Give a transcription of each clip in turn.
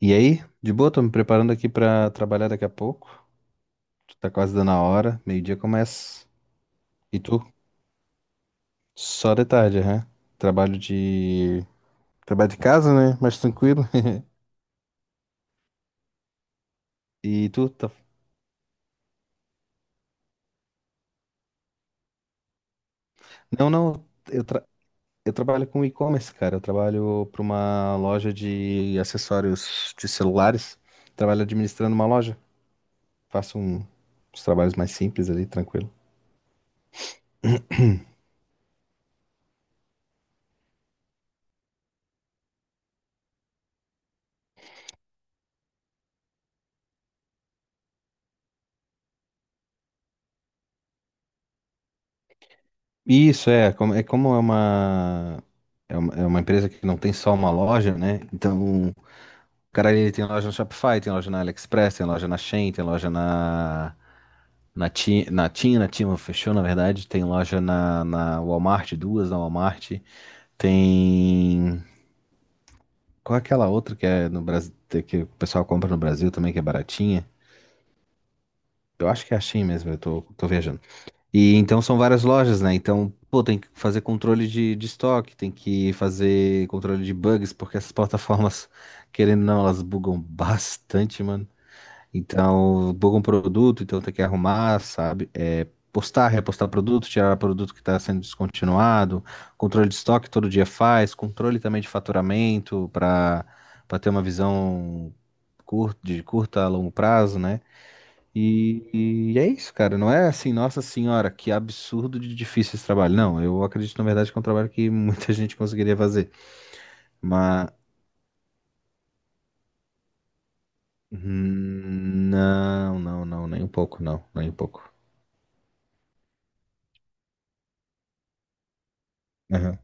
E aí? De boa, tô me preparando aqui pra trabalhar daqui a pouco. Tá quase dando a hora, meio-dia começa. E tu? Só de tarde, né? Trabalho de. Trabalho de casa, né? Mais tranquilo. E tu? Tá... Não, não, eu, tra... eu trabalho com e-commerce, cara. Eu trabalho pra uma loja de acessórios de celulares. Trabalho administrando uma loja. Faço uns trabalhos mais simples ali, tranquilo. Isso é como é uma empresa que não tem só uma loja, né? Então, o cara ele tem loja no Shopify, tem loja na AliExpress, tem loja na Shein, tem loja na Timo fechou, na verdade, tem loja na Walmart, duas na Walmart, tem qual é aquela outra que é no Brasil que o pessoal compra no Brasil também que é baratinha? Eu acho que é a Shein mesmo, eu tô viajando. E então são várias lojas, né? Então, pô, tem que fazer controle de estoque, tem que fazer controle de bugs, porque essas plataformas, querendo ou não, elas bugam bastante, mano. Então, bugam produto, então tem que arrumar, sabe? É, postar, repostar produto, tirar produto que está sendo descontinuado, controle de estoque todo dia faz, controle também de faturamento para ter uma visão de curta a longo prazo, né? E é isso, cara. Não é assim, nossa senhora, que absurdo de difícil esse trabalho. Não, eu acredito, na verdade, que é um trabalho que muita gente conseguiria fazer. Mas. Não, não, não, nem um pouco, não, nem um pouco. Aham.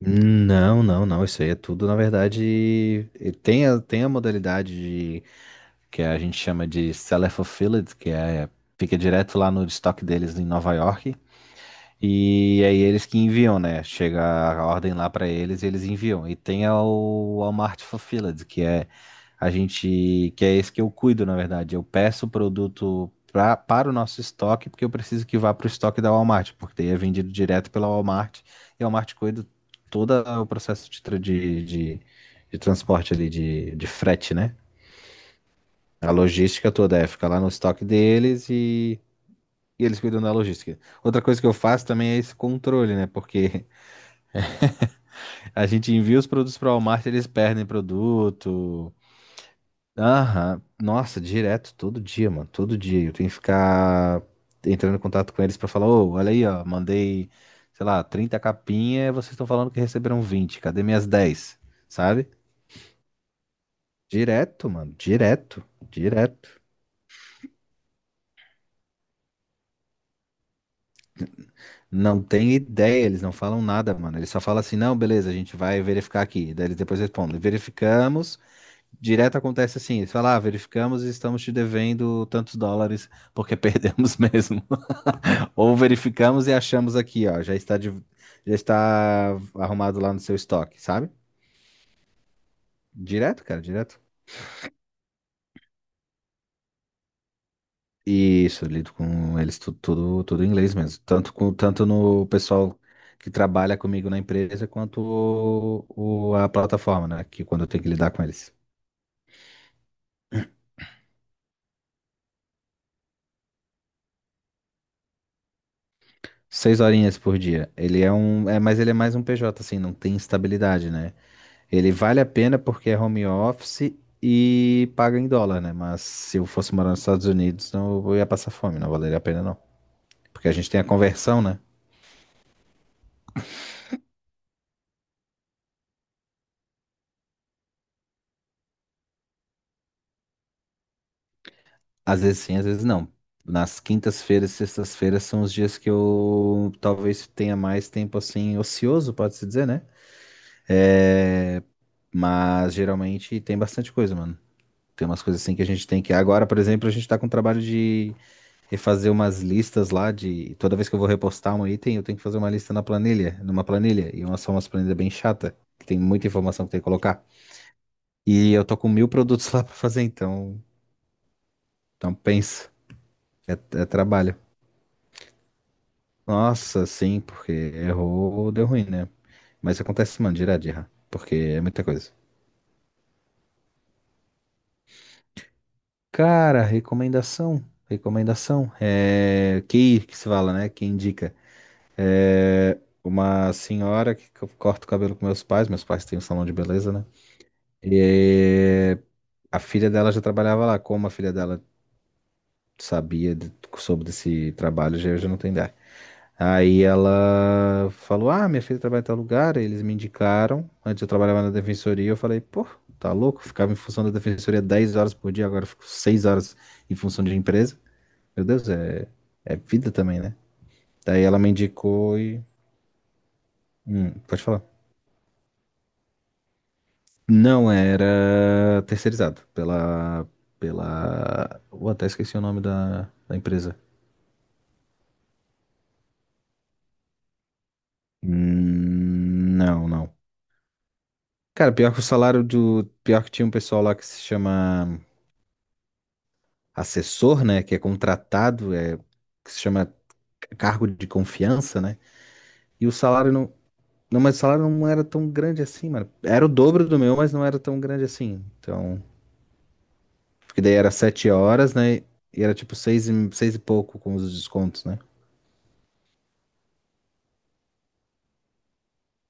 Não, não, não. Isso aí é tudo, na verdade. Tem a modalidade de, que a gente chama de seller fulfilled, que fica direto lá no estoque deles em Nova York. E aí eles que enviam, né? Chega a ordem lá pra eles e eles enviam. E tem o Walmart Fulfilled, que é a gente, que é esse que eu cuido, na verdade. Eu peço o produto para o nosso estoque, porque eu preciso que vá pro estoque da Walmart, porque daí é vendido direto pela Walmart e a Walmart cuida todo o processo de transporte ali, de frete, né? A logística toda fica lá no estoque deles e eles cuidam da logística. Outra coisa que eu faço também é esse controle, né? Porque a gente envia os produtos para o Walmart, eles perdem produto. Aham. Nossa, direto, todo dia, mano. Todo dia. Eu tenho que ficar entrando em contato com eles para falar: ô, olha aí, ó, mandei, sei lá, 30 capinhas, vocês estão falando que receberam 20. Cadê minhas 10? Sabe? Direto, mano. Direto. Direto. Não tem ideia, eles não falam nada, mano. Eles só falam assim: não, beleza, a gente vai verificar aqui. Daí eles depois respondem: verificamos, direto acontece assim, eles falam, ah, verificamos e estamos te devendo tantos dólares porque perdemos mesmo. Ou verificamos e achamos aqui, ó, já está, já está arrumado lá no seu estoque, sabe? Direto, cara, direto. Isso, eu lido com eles tudo, tudo, em inglês mesmo. Tanto no pessoal que trabalha comigo na empresa, quanto a plataforma, né? Que quando eu tenho que lidar com eles. 6 horinhas por dia. Ele é um. É, mas ele é mais um PJ, assim, não tem estabilidade, né? Ele vale a pena porque é home office e paga em dólar, né? Mas se eu fosse morar nos Estados Unidos, não eu ia passar fome, não valeria a pena, não. Porque a gente tem a conversão, né? Às vezes sim, às vezes não. Nas quintas-feiras, e sextas-feiras são os dias que eu talvez tenha mais tempo assim, ocioso, pode-se dizer, né? É... Mas geralmente tem bastante coisa, mano. Tem umas coisas assim que a gente tem que. Agora, por exemplo, a gente tá com trabalho de refazer umas listas lá de. Toda vez que eu vou repostar um item, eu tenho que fazer uma lista na planilha, numa planilha. Umas planilhas bem chata, que tem muita informação que tem que colocar. E eu tô com 1.000 produtos lá pra fazer, então. Então pensa. É trabalho. Nossa, sim, porque errou, deu ruim, né? Mas acontece, mano, direto de errar. Porque é muita coisa. Cara, recomendação. Recomendação. É. Que se fala, né? Que indica. É. Uma senhora que eu corto o cabelo com meus pais. Meus pais têm um salão de beleza, né? E a filha dela já trabalhava lá. Como a filha dela sabia, soube desse trabalho, já, já não tem ideia. Aí ela falou: ah, minha filha trabalha em tal lugar. Aí eles me indicaram. Antes eu trabalhava na defensoria. Eu falei: pô, tá louco? Ficava em função da defensoria 10 horas por dia. Agora eu fico 6 horas em função de empresa. Meu Deus, é vida também, né? Daí ela me indicou. Pode falar. Não, era terceirizado pela, pela... Eu até esqueci o nome da empresa. Não, não. Cara, pior que o salário do. Pior que tinha um pessoal lá que se chama assessor, né? Que é contratado, que se chama cargo de confiança, né? E o salário não. Não, mas o salário não era tão grande assim, mano. Era o dobro do meu, mas não era tão grande assim. Então... Porque daí era 7 horas, né? E era tipo seis e pouco com os descontos, né?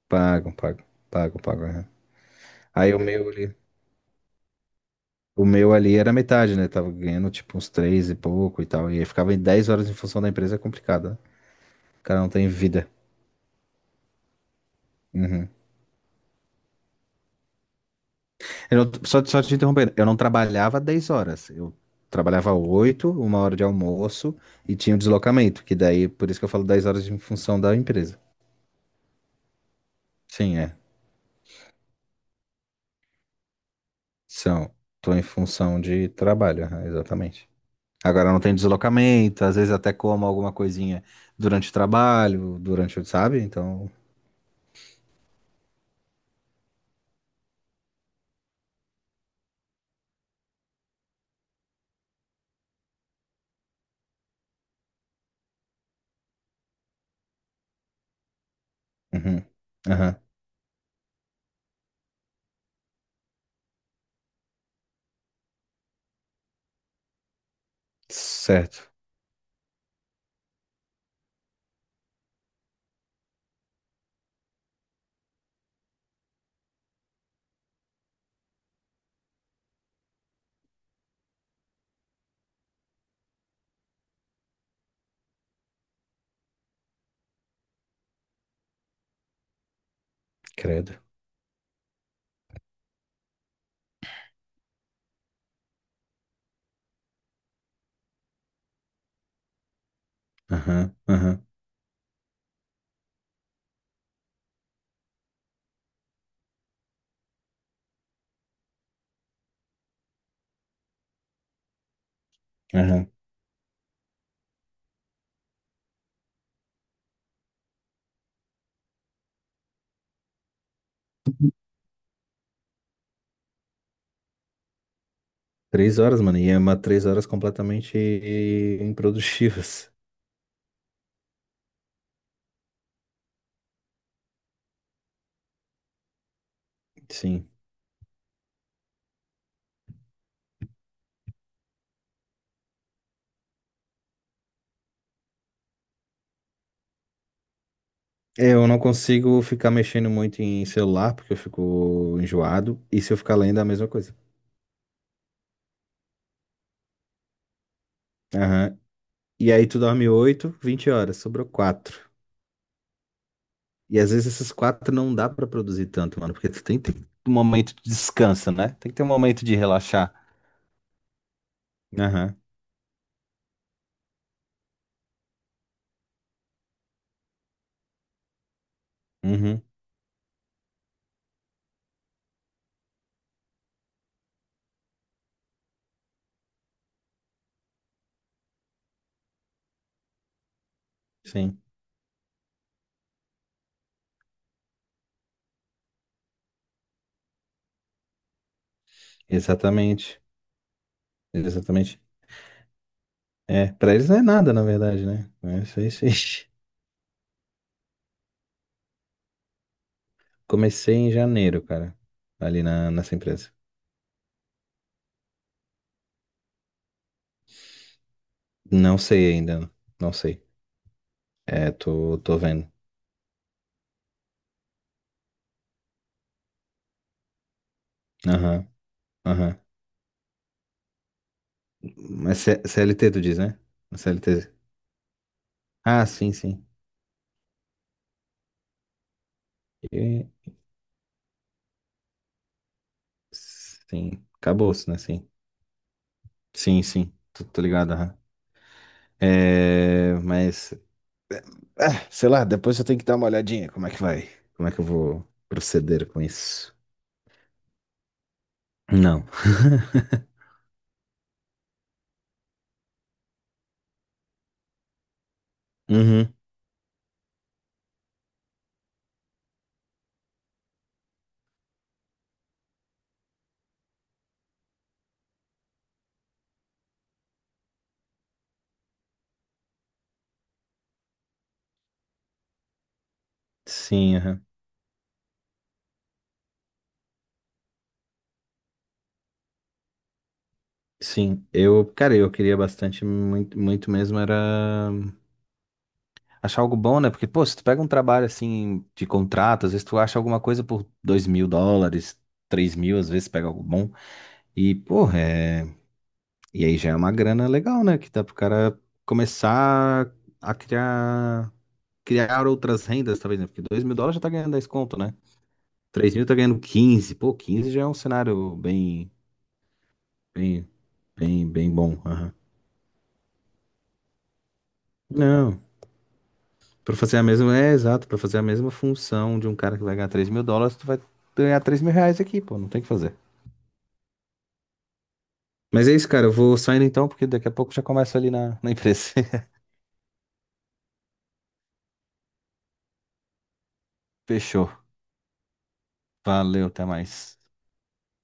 Pagam, pagam, pagam, pagam. Aham. Aí o meu ali era metade, né? Tava ganhando tipo uns três e pouco e tal. E aí ficava em 10 horas em função da empresa, é complicado, né? O cara não tem vida. Uhum. Eu não- só, só te interrompendo, eu não trabalhava 10 horas. Eu trabalhava 8, uma hora de almoço e tinha o deslocamento, que daí, por isso que eu falo 10 horas em função da empresa. Sim, é. São. Tô em função de trabalho, aham, exatamente. Agora não tem deslocamento, às vezes até como alguma coisinha durante o trabalho, sabe? Então. Uhum. Aham. Certo. Credo. Aham, aham, aham. Três horas, mano, e é uma três horas completamente improdutivas. Sim. É, eu não consigo ficar mexendo muito em celular, porque eu fico enjoado, e se eu ficar lendo é a mesma coisa. Aham. E aí tu dorme 8, 20 horas, sobrou quatro. E às vezes esses quatro não dá pra produzir tanto, mano, porque tu tem que ter um momento de descanso, né? Tem que ter um momento de relaxar. Aham. Uhum. Sim. Exatamente. Exatamente. É, pra eles não é nada, na verdade, né? É, sei, sei. Comecei em janeiro, cara, ali na, nessa empresa. Não sei ainda, não sei. É, tô vendo. Aham, aham. Mas CLT tu diz, né? CLT. Ah, sim, sim. E- sim, acabou-se, né? Sim. Sim, sim, tô ligado. Aham. É, mas, ah, sei lá, depois eu tenho que dar uma olhadinha como é que vai, como é que eu vou proceder com isso. Não. Uhum. Sim, aham. Sim, eu, cara, eu queria bastante, muito, muito mesmo era achar algo bom, né? Porque, pô, se tu pega um trabalho assim de contrato, às vezes tu acha alguma coisa por US$ 2.000, 3 mil, às vezes pega algo bom. E, pô, é... e aí já é uma grana legal, né? Que dá pro cara começar a criar outras rendas, talvez, né? Porque US$ 2.000 já tá ganhando 10 conto, né? Três mil tá ganhando quinze. Pô, 15 já é um cenário bem, bem, bem, bem bom. Aham. Não, pra fazer a mesma, é exato, pra fazer a mesma função de um cara que vai ganhar US$ 3.000, tu vai ganhar R$ 3.000 aqui, pô, não tem o que fazer. Mas é isso, cara, eu vou saindo então, porque daqui a pouco já começa ali na, na empresa. Fechou. Valeu, até mais.